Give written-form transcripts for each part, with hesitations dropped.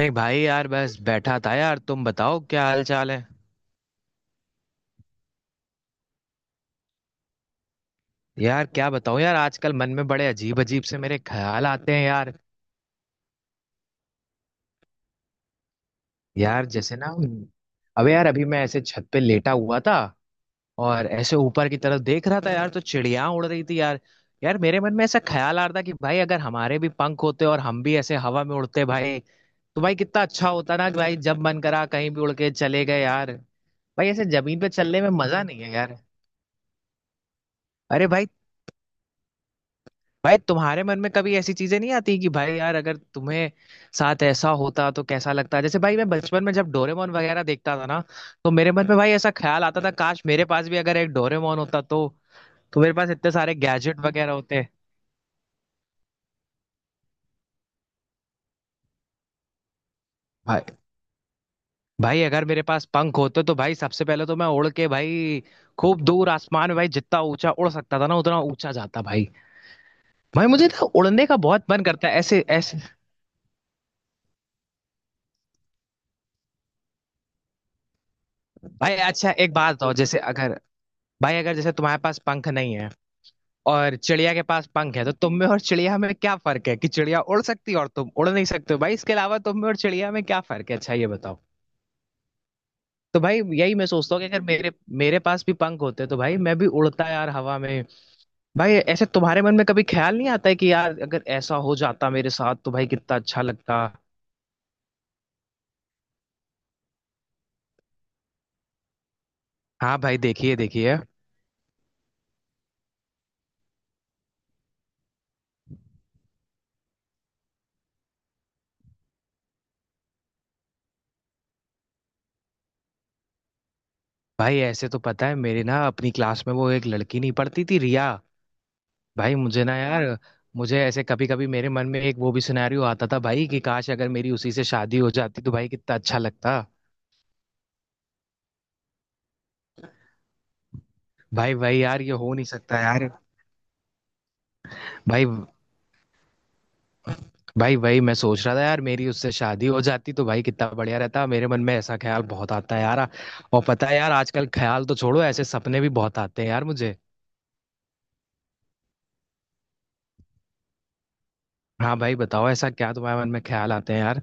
नहीं भाई, यार बस बैठा था। यार तुम बताओ क्या हाल चाल है। यार क्या बताऊं यार, आजकल मन में बड़े अजीब अजीब से मेरे ख्याल आते हैं यार। यार जैसे ना, अबे यार अभी मैं ऐसे छत पे लेटा हुआ था और ऐसे ऊपर की तरफ देख रहा था यार, तो चिड़िया उड़ रही थी यार। यार मेरे मन में ऐसा ख्याल आ रहा था कि भाई अगर हमारे भी पंख होते और हम भी ऐसे हवा में उड़ते भाई, तो भाई कितना अच्छा होता ना, कि भाई जब मन करा कहीं भी उड़ के चले गए यार। भाई ऐसे जमीन पे चलने में मजा नहीं है यार। अरे भाई, भाई तुम्हारे मन में कभी ऐसी चीजें नहीं आती कि भाई यार अगर तुम्हें साथ ऐसा होता तो कैसा लगता। जैसे भाई मैं बचपन में जब डोरेमोन वगैरह देखता था ना, तो मेरे मन में भाई ऐसा ख्याल आता था, काश मेरे पास भी अगर एक डोरेमोन होता तो मेरे पास इतने सारे गैजेट वगैरह होते। भाई, भाई अगर मेरे पास पंख होते तो भाई सबसे पहले तो मैं उड़ के भाई खूब दूर आसमान में भाई, जितना ऊंचा उड़ सकता था ना उतना ऊंचा जाता भाई। भाई मुझे तो उड़ने का बहुत मन करता है, ऐसे ऐसे। भाई अच्छा एक बात बताओ, जैसे अगर भाई अगर जैसे तुम्हारे पास पंख नहीं है और चिड़िया के पास पंख है, तो तुम में और चिड़िया में क्या फर्क है? कि चिड़िया उड़ सकती है और तुम उड़ नहीं सकते हो भाई। इसके अलावा तुम में और चिड़िया में क्या फर्क है? अच्छा ये बताओ। तो भाई यही मैं सोचता हूँ कि अगर मेरे मेरे पास भी पंख होते तो भाई मैं भी उड़ता यार हवा में। भाई ऐसे तुम्हारे मन में कभी ख्याल नहीं आता है कि यार अगर ऐसा हो जाता मेरे साथ तो भाई कितना अच्छा लगता। हाँ भाई, देखिए देखिए। भाई ऐसे तो पता है, मेरे ना अपनी क्लास में वो एक लड़की नहीं पढ़ती थी, रिया। भाई मुझे ना यार, मुझे ऐसे कभी कभी मेरे मन में एक वो भी सिनेरियो आता था भाई, कि काश अगर मेरी उसी से शादी हो जाती तो भाई कितना अच्छा लगता। भाई भाई यार ये हो नहीं सकता यार। भाई, भाई भाई मैं सोच रहा था यार, मेरी उससे शादी हो जाती तो भाई कितना बढ़िया रहता। मेरे मन में ऐसा ख्याल बहुत आता है यार। और पता है यार, आजकल ख्याल तो छोड़ो, ऐसे सपने भी बहुत आते हैं यार मुझे। हाँ भाई बताओ, ऐसा क्या तुम्हारे मन में ख्याल आते हैं यार।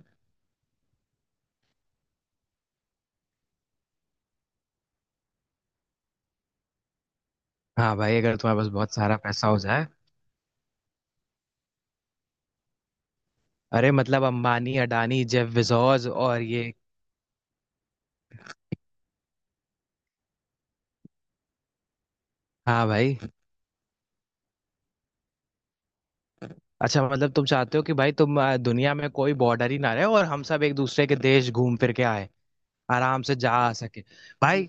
हाँ भाई, अगर तुम्हारे पास बहुत सारा पैसा हो जाए। अरे मतलब अंबानी, अडानी, जेफ बेजोस, और ये। हाँ भाई। अच्छा मतलब तुम चाहते हो कि भाई तुम दुनिया में कोई बॉर्डर ही ना रहे और हम सब एक दूसरे के देश घूम फिर के आए, आराम से जा आ सके। भाई,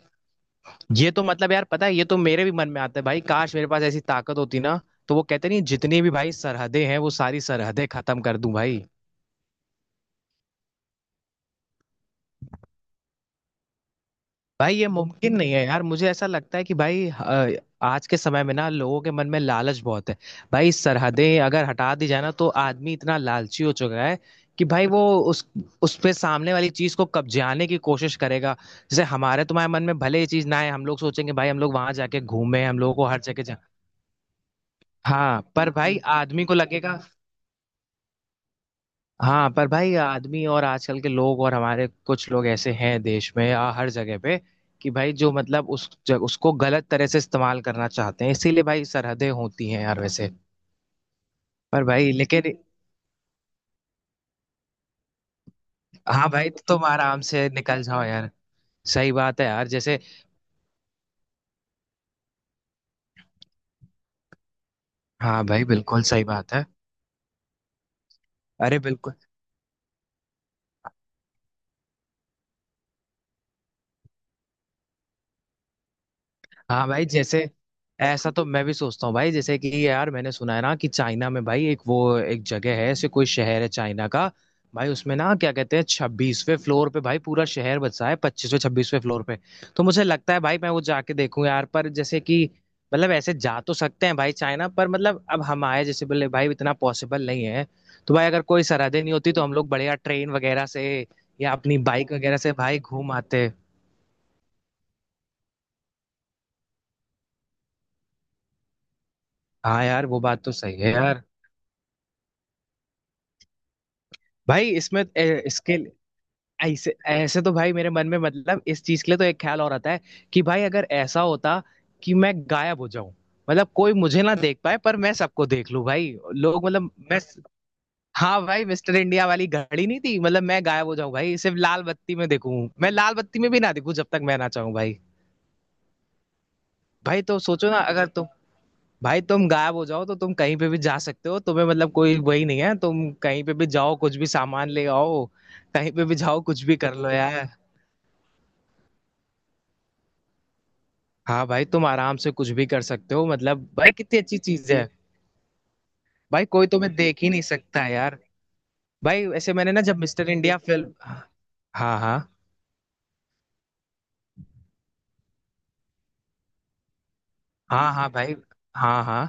ये तो मतलब यार पता है, ये तो मेरे भी मन में आता है भाई, काश मेरे पास ऐसी ताकत होती ना, तो वो कहते नहीं जितनी भी भाई सरहदें हैं वो सारी सरहदें खत्म कर दूं भाई। भाई ये मुमकिन नहीं है यार, मुझे ऐसा लगता है कि भाई, आज के समय में ना लोगों के मन में लालच बहुत है। भाई सरहदें अगर हटा दी जाए ना, तो आदमी इतना लालची हो चुका है कि भाई वो उस उस पे सामने वाली चीज को कब्जाने की कोशिश करेगा। जैसे हमारे तुम्हारे मन में भले ये चीज ना आए, हम लोग सोचेंगे भाई हम लोग वहां जाके घूमे, हम लोगों को हर जगह जा। हाँ पर भाई आदमी को लगेगा हाँ पर भाई आदमी और आजकल के लोग और हमारे कुछ लोग ऐसे हैं देश में या हर जगह पे, कि भाई जो मतलब उसको गलत तरह से इस्तेमाल करना चाहते हैं, इसीलिए भाई सरहदें होती हैं यार वैसे। पर भाई लेकिन, हाँ भाई तो तुम आराम से निकल जाओ यार। सही बात है यार जैसे। हाँ भाई बिल्कुल सही बात है। अरे बिल्कुल। हाँ भाई जैसे, ऐसा तो मैं भी सोचता हूँ भाई जैसे कि, यार मैंने सुना है ना कि चाइना में भाई एक वो एक जगह है ऐसे, कोई शहर है चाइना का। भाई उसमें ना क्या कहते हैं, छब्बीसवें फ्लोर पे भाई पूरा शहर बसा है, पच्चीसवें छब्बीसवें फ्लोर पे। तो मुझे लगता है भाई मैं वो जाके देखूं यार, पर जैसे कि मतलब ऐसे जा तो सकते हैं भाई चाइना, पर मतलब अब हम आए जैसे बोले भाई, इतना पॉसिबल नहीं है। तो भाई अगर कोई सरहदें नहीं होती तो हम लोग बढ़िया ट्रेन वगैरह से या अपनी बाइक वगैरह से भाई घूम आते। हाँ यार वो बात तो सही है यार। भाई इसमें इसके ऐसे ऐसे तो भाई मेरे मन में मतलब इस चीज के लिए तो एक ख्याल और आता है, कि भाई अगर ऐसा होता कि मैं गायब हो जाऊं, मतलब कोई मुझे ना देख पाए पर मैं सबको देख लूं भाई, लोग मतलब मैं। हाँ भाई, मिस्टर इंडिया वाली घड़ी नहीं थी, मतलब मैं गायब हो जाऊं भाई, सिर्फ लाल बत्ती में देखूं, मैं लाल बत्ती में भी ना देखूं जब तक मैं ना चाहूं भाई। भाई तो सोचो ना, अगर तुम भाई तुम गायब हो जाओ तो तुम कहीं पे भी जा सकते हो, तुम्हें मतलब कोई वही नहीं है, तुम कहीं पे भी जाओ कुछ भी सामान ले आओ, कहीं पे भी जाओ कुछ भी कर लो यार। हाँ भाई तुम आराम से कुछ भी कर सकते हो, मतलब भाई कितनी अच्छी चीज है। भाई कोई तुम्हें देख ही नहीं सकता है यार। भाई ऐसे मैंने ना जब मिस्टर इंडिया फिल्म। हाँ हाँ। हाँ हाँ भाई। हाँ हाँ।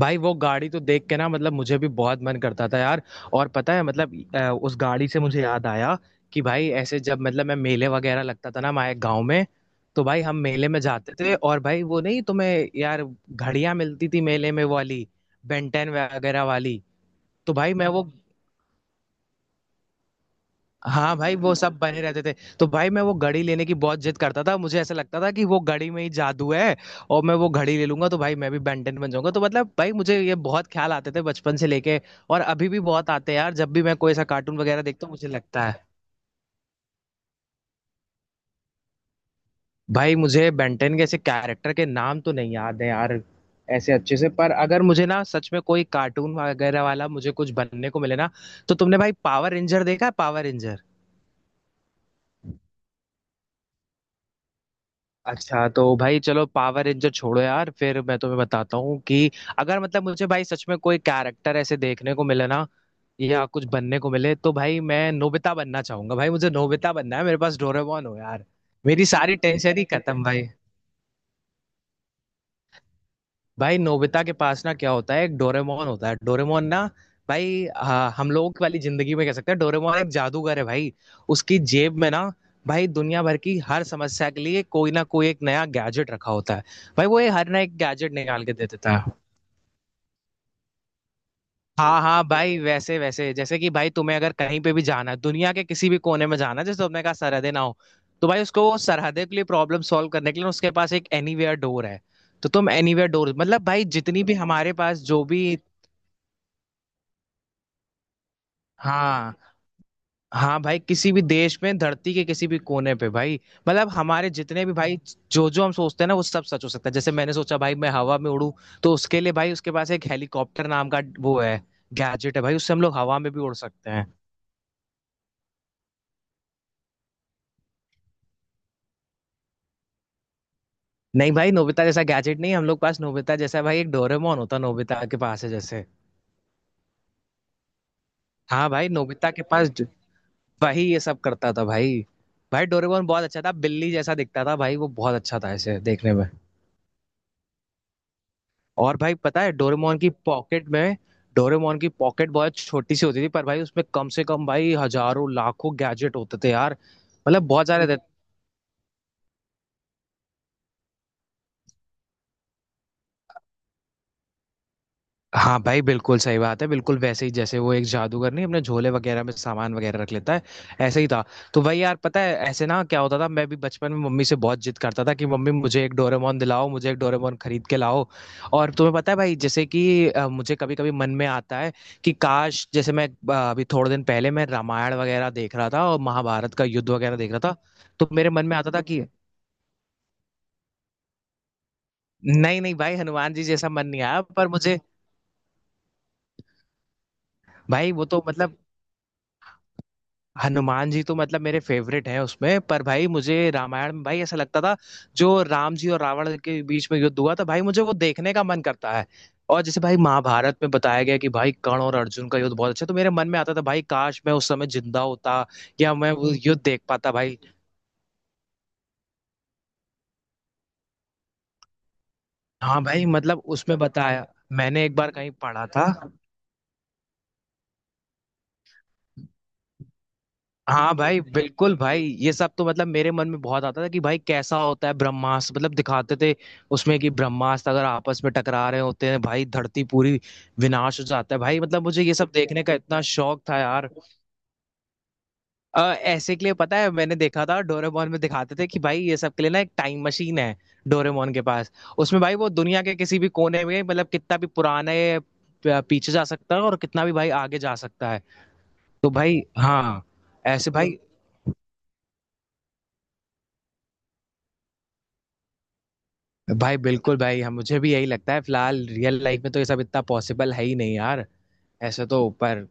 भाई वो गाड़ी तो देख के ना, मतलब मुझे भी बहुत मन करता था यार। और पता है, मतलब उस गाड़ी से मुझे याद आया कि भाई ऐसे जब मतलब मैं, मेले वगैरह लगता था ना हमारे गाँव में, तो भाई हम मेले में जाते थे। और भाई वो नहीं तुम्हें यार घड़ियां मिलती थी मेले में, वो वाली बेंटेन वगैरह वाली। तो भाई मैं वो, हाँ भाई वो सब बने रहते थे। तो भाई मैं वो घड़ी लेने की बहुत जिद करता था, मुझे ऐसा लगता था कि वो घड़ी में ही जादू है, और मैं वो घड़ी ले लूंगा तो भाई मैं भी बेंटन बन जाऊंगा। तो मतलब भाई मुझे ये बहुत ख्याल आते थे बचपन से लेके, और अभी भी बहुत आते हैं यार, जब भी मैं कोई ऐसा कार्टून वगैरह देखता हूँ मुझे लगता है। भाई मुझे बेंटन के ऐसे कैरेक्टर के नाम तो नहीं याद है यार ऐसे अच्छे से, पर अगर मुझे ना सच में कोई कार्टून वगैरह वाला, मुझे कुछ बनने को मिले ना, तो तुमने भाई पावर रेंजर देखा है, पावर रेंजर। अच्छा तो भाई चलो पावर रेंजर छोड़ो यार, फिर मैं तुम्हें बताता हूँ कि अगर मतलब मुझे भाई सच में कोई कैरेक्टर ऐसे देखने को मिले ना, या कुछ बनने को मिले, तो भाई मैं नोबिता बनना चाहूंगा। भाई मुझे नोबिता बनना है, मेरे पास डोरेमोन हो यार, मेरी सारी टेंशन ही खत्म भाई। भाई नोबिता के पास ना क्या होता है, एक डोरेमोन होता है, डोरेमोन ना भाई, हाँ, हम लोगों वाली जिंदगी में कह सकते हैं डोरेमोन एक जादूगर है भाई। उसकी जेब में ना भाई दुनिया भर की हर समस्या के लिए कोई ना कोई एक नया गैजेट रखा होता है, भाई वो ये हर नया एक गैजेट निकाल के दे देता है। हाँ हाँ भाई वैसे वैसे, जैसे कि भाई तुम्हें अगर कहीं पे भी जाना है, दुनिया के किसी भी कोने में जाना है, जैसे तुमने कहा सरहदें ना हो, तो भाई उसको वो सरहदे के लिए प्रॉब्लम सॉल्व करने के लिए उसके पास एक एनीवेयर डोर है। तो तुम एनीवेयर डोर, मतलब भाई जितनी भी हमारे पास जो भी, हाँ हाँ भाई किसी भी देश में, धरती के किसी भी कोने पे भाई। मतलब हमारे जितने भी भाई जो जो हम सोचते हैं ना वो सब सच हो सकता है। जैसे मैंने सोचा भाई मैं हवा में उड़ूं, तो उसके लिए भाई उसके पास एक हेलीकॉप्टर नाम का वो है, गैजेट है भाई, उससे हम लोग हवा में भी उड़ सकते हैं। नहीं भाई, नोबिता जैसा गैजेट नहीं, हम लोग पास नोबिता जैसा भाई एक डोरेमोन होता, नोबिता के पास है जैसे। हाँ भाई, नोबिता के पास वही ये सब करता था भाई। भाई डोरेमोन बहुत अच्छा था, बिल्ली जैसा दिखता था भाई, वो बहुत अच्छा था ऐसे देखने में। और भाई पता है, डोरेमोन की पॉकेट में, डोरेमोन की पॉकेट बहुत छोटी सी होती थी, पर भाई उसमें कम से कम भाई हजारों लाखों गैजेट होते थे यार, मतलब बहुत सारे थे। हाँ भाई बिल्कुल सही बात है, बिल्कुल वैसे ही जैसे वो एक जादूगर नहीं अपने झोले वगैरह में सामान वगैरह रख लेता है, ऐसे ही था। तो भाई यार पता है ऐसे ना क्या होता था, मैं भी बचपन में मम्मी से बहुत जिद करता था कि मम्मी मुझे एक डोरेमोन दिलाओ, मुझे एक डोरेमोन खरीद के लाओ। और तुम्हें पता है भाई जैसे कि मुझे कभी कभी मन में आता है कि काश जैसे मैं, अभी थोड़े दिन पहले मैं रामायण वगैरह देख रहा था और महाभारत का युद्ध वगैरह देख रहा था, तो मेरे मन में आता था कि, नहीं नहीं भाई हनुमान जी जैसा मन नहीं आया पर मुझे भाई वो तो मतलब, हनुमान जी तो मतलब मेरे फेवरेट हैं उसमें, पर भाई मुझे रामायण में भाई ऐसा लगता था, जो राम जी और रावण के बीच में युद्ध हुआ था भाई, मुझे वो देखने का मन करता है। और जैसे भाई महाभारत में बताया गया कि भाई कर्ण और अर्जुन का युद्ध बहुत अच्छा, तो मेरे मन में आता था भाई काश मैं उस समय जिंदा होता या मैं वो युद्ध देख पाता भाई। हाँ भाई मतलब उसमें बताया, मैंने एक बार कहीं पढ़ा था। हाँ भाई बिल्कुल भाई, ये सब तो मतलब मेरे मन में बहुत आता था कि भाई कैसा होता है ब्रह्मास्त्र, मतलब दिखाते थे उसमें कि ब्रह्मास्त्र अगर आपस में टकरा रहे होते हैं भाई, धरती पूरी विनाश हो जाता है भाई, मतलब मुझे ये सब देखने का इतना शौक था यार। ऐसे के लिए पता है मैंने देखा था डोरेमोन में, दिखाते थे कि भाई ये सब के लिए ना एक टाइम मशीन है डोरेमोन के पास, उसमें भाई वो दुनिया के किसी भी कोने में मतलब कितना भी पुराने पीछे जा सकता है और कितना भी भाई आगे जा सकता है। तो भाई हाँ, ऐसे भाई। भाई बिल्कुल भाई हम, मुझे भी यही लगता है, फिलहाल रियल लाइफ में तो ये सब इतना पॉसिबल है ही नहीं यार, ऐसे तो ऊपर।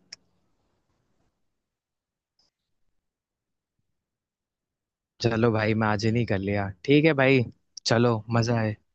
चलो भाई मैं आज ही नहीं कर लिया, ठीक है भाई। चलो, मजा आया।